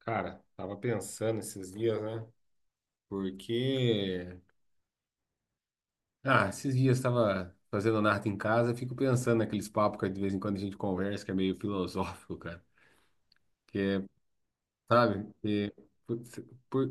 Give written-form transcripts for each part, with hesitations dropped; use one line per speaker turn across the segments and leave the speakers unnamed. Cara, tava pensando esses dias, né? Porque, esses dias tava fazendo nada em casa, fico pensando naqueles papos que de vez em quando a gente conversa, que é meio filosófico, cara. Que é, sabe, putz, por,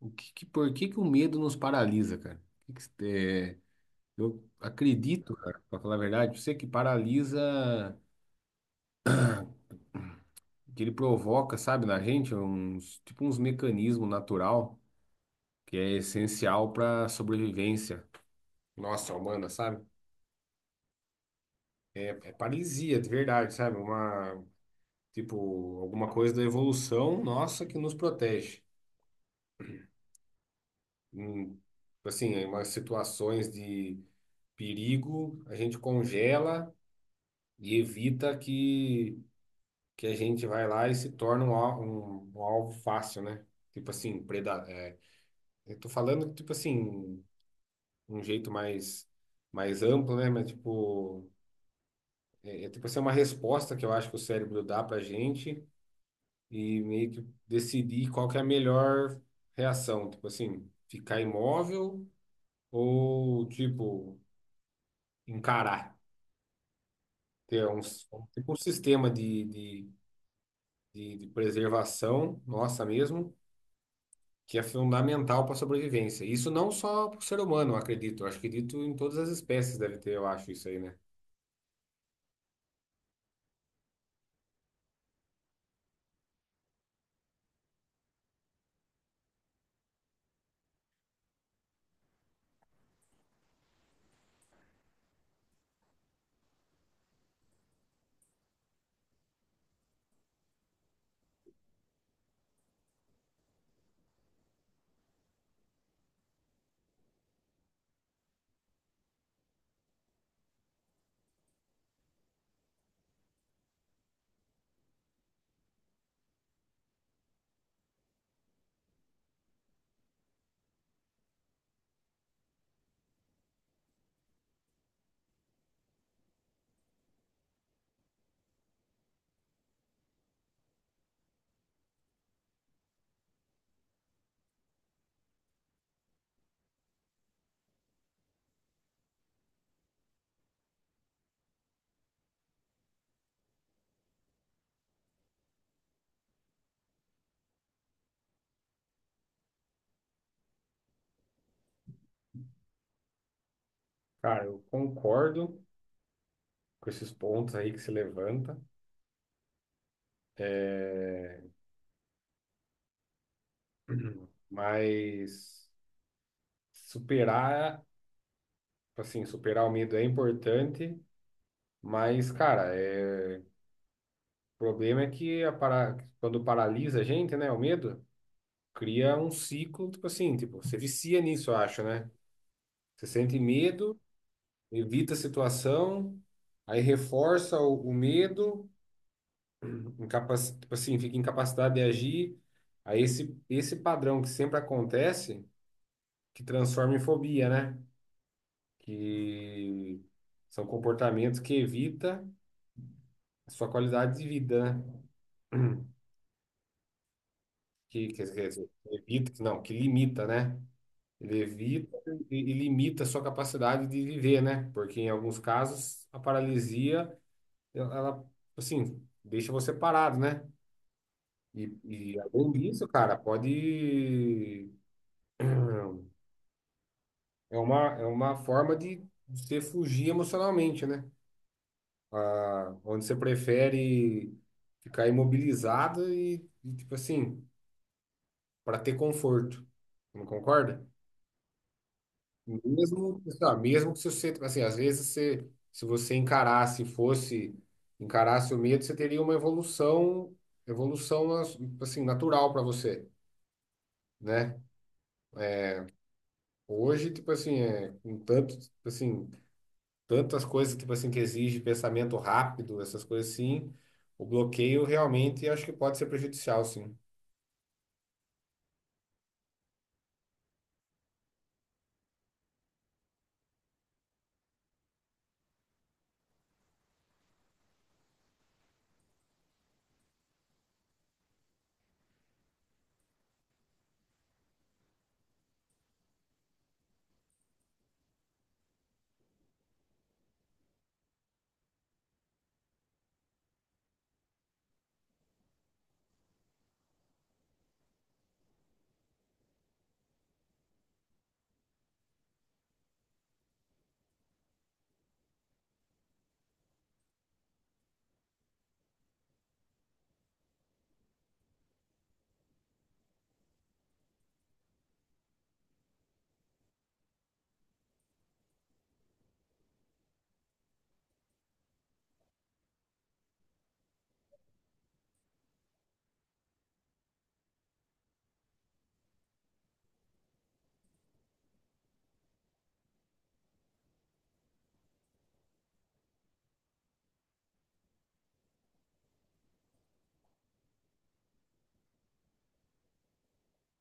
por que que o medo nos paralisa, cara? O que que- é, eu acredito, cara, pra falar a verdade, você que paralisa, que ele provoca, sabe, na gente, tipo uns mecanismos natural que é essencial pra sobrevivência nossa humana, sabe? É paralisia, de verdade, sabe? Tipo, alguma coisa da evolução nossa que nos protege. Hum, assim, em umas situações de perigo, a gente congela e evita que a gente vai lá e se torne um alvo fácil, né? Tipo assim, eu tô falando, tipo assim, um jeito mais amplo, né? Mas, tipo, é tipo assim, uma resposta que eu acho que o cérebro dá pra gente e meio que decidir qual que é a melhor reação. Tipo assim, ficar imóvel ou, tipo, encarar. Ter tipo um sistema de preservação nossa mesmo, que é fundamental para a sobrevivência. Isso não só para o ser humano, eu acredito. Eu acho que dito em todas as espécies deve ter, eu acho, isso aí, né? Cara, eu concordo com esses pontos aí que se levanta. É, mas superar Tipo assim, superar o medo é importante, mas, cara, O problema é que quando paralisa a gente, né, o medo, cria um ciclo, tipo assim, tipo, você vicia nisso, eu acho, né? Você sente medo, evita a situação, aí reforça o medo, tipo assim, fica incapacitado de agir. Aí esse padrão que sempre acontece, que transforma em fobia, né? Que são comportamentos que evita a sua qualidade de vida, né? Quer dizer, que evita, que não, que limita, né? Ele evita e limita a sua capacidade de viver, né? Porque em alguns casos a paralisia, ela, assim, deixa você parado, né? E, e além disso, cara, pode. É uma forma de você fugir emocionalmente, né? Ah, onde você prefere ficar imobilizado e, tipo assim, para ter conforto. Não concorda? Mesmo, tá, mesmo que se você, tipo assim, às vezes você, se você encarasse, encarasse o medo, você teria uma evolução assim, natural para você, né? Hoje, tipo assim, tipo assim, tantas coisas, tipo assim, que exige pensamento rápido, essas coisas assim, o bloqueio realmente acho que pode ser prejudicial, sim.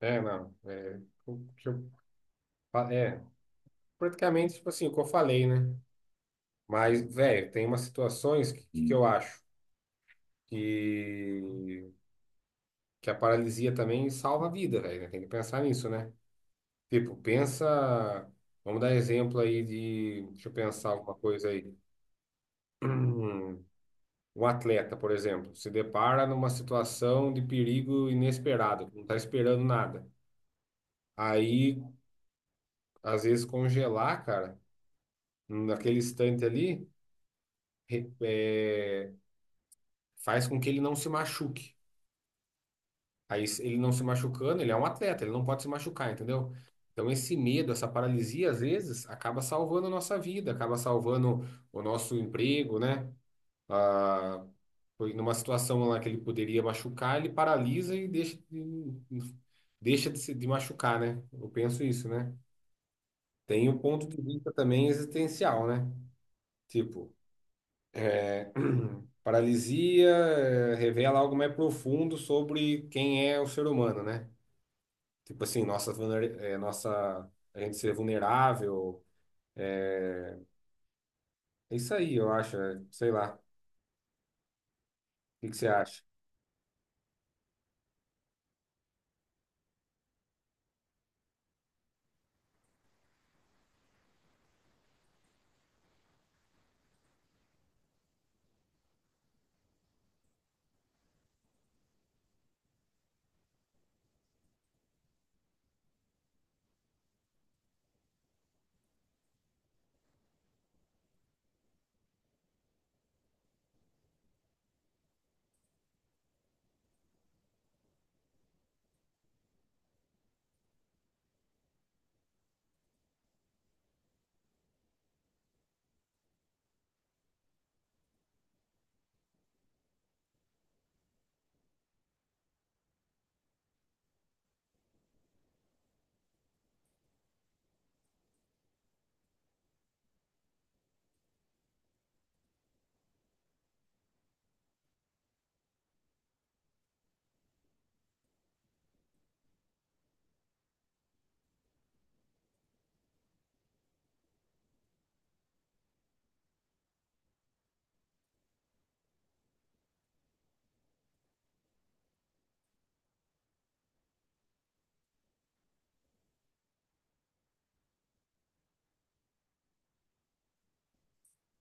É, não, é, o que eu, fa- é, praticamente, tipo assim, o que eu falei, né? Mas, velho, tem umas situações que eu acho que, que a paralisia também salva a vida, velho, né? Tem que pensar nisso, né? Tipo, pensa. Vamos dar exemplo aí de. Deixa eu pensar alguma coisa aí. Hum, Um atleta, por exemplo, se depara numa situação de perigo inesperado, não tá esperando nada. Aí, às vezes, congelar, cara, naquele instante ali, re- é, faz com que ele não se machuque. Aí se ele não se machucando, ele é um atleta, ele não pode se machucar, entendeu? Então esse medo, essa paralisia, às vezes, acaba salvando a nossa vida, acaba salvando o nosso emprego, né? Ah, foi numa situação lá que ele poderia machucar, ele paralisa e deixa de se de machucar, né? Eu penso isso, né? Tem o ponto de vista também existencial, né? Tipo, é, paralisia revela algo mais profundo sobre quem é o ser humano, né? Tipo assim, nossa, a gente ser vulnerável. É isso aí, eu acho. Sei lá. O que que você acha?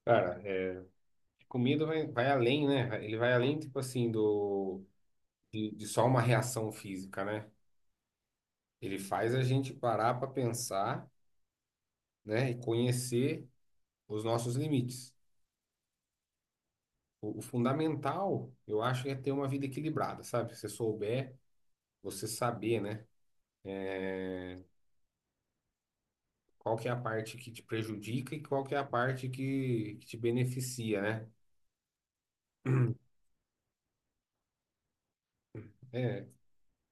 Cara, comida vai além, né? Ele vai além, tipo assim, de só uma reação física, né? Ele faz a gente parar para pensar, né? E conhecer os nossos limites. O fundamental, eu acho, é ter uma vida equilibrada, sabe? Se você souber, você saber, né? Qual que é a parte que te prejudica e qual que é a parte que te beneficia, né? É,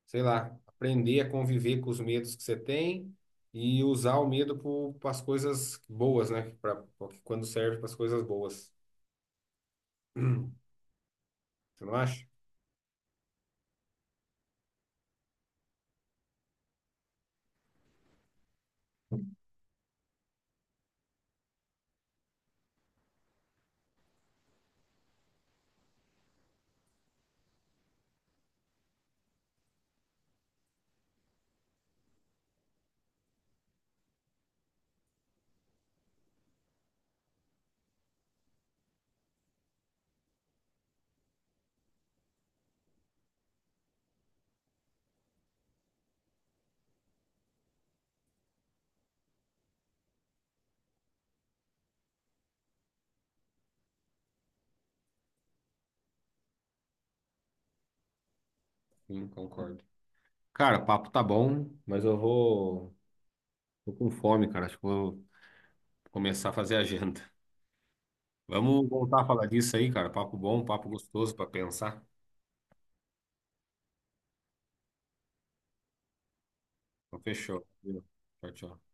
sei lá, aprender a conviver com os medos que você tem e usar o medo para as coisas boas, né? Porque quando serve para as coisas boas. Você não acha? Sim, concordo. Cara, o papo tá bom, mas eu vou. Tô com fome, cara. Acho que vou começar a fazer agenda. Vamos voltar a falar disso aí, cara. Papo bom, papo gostoso para pensar. Então, fechou. Tchau, tchau.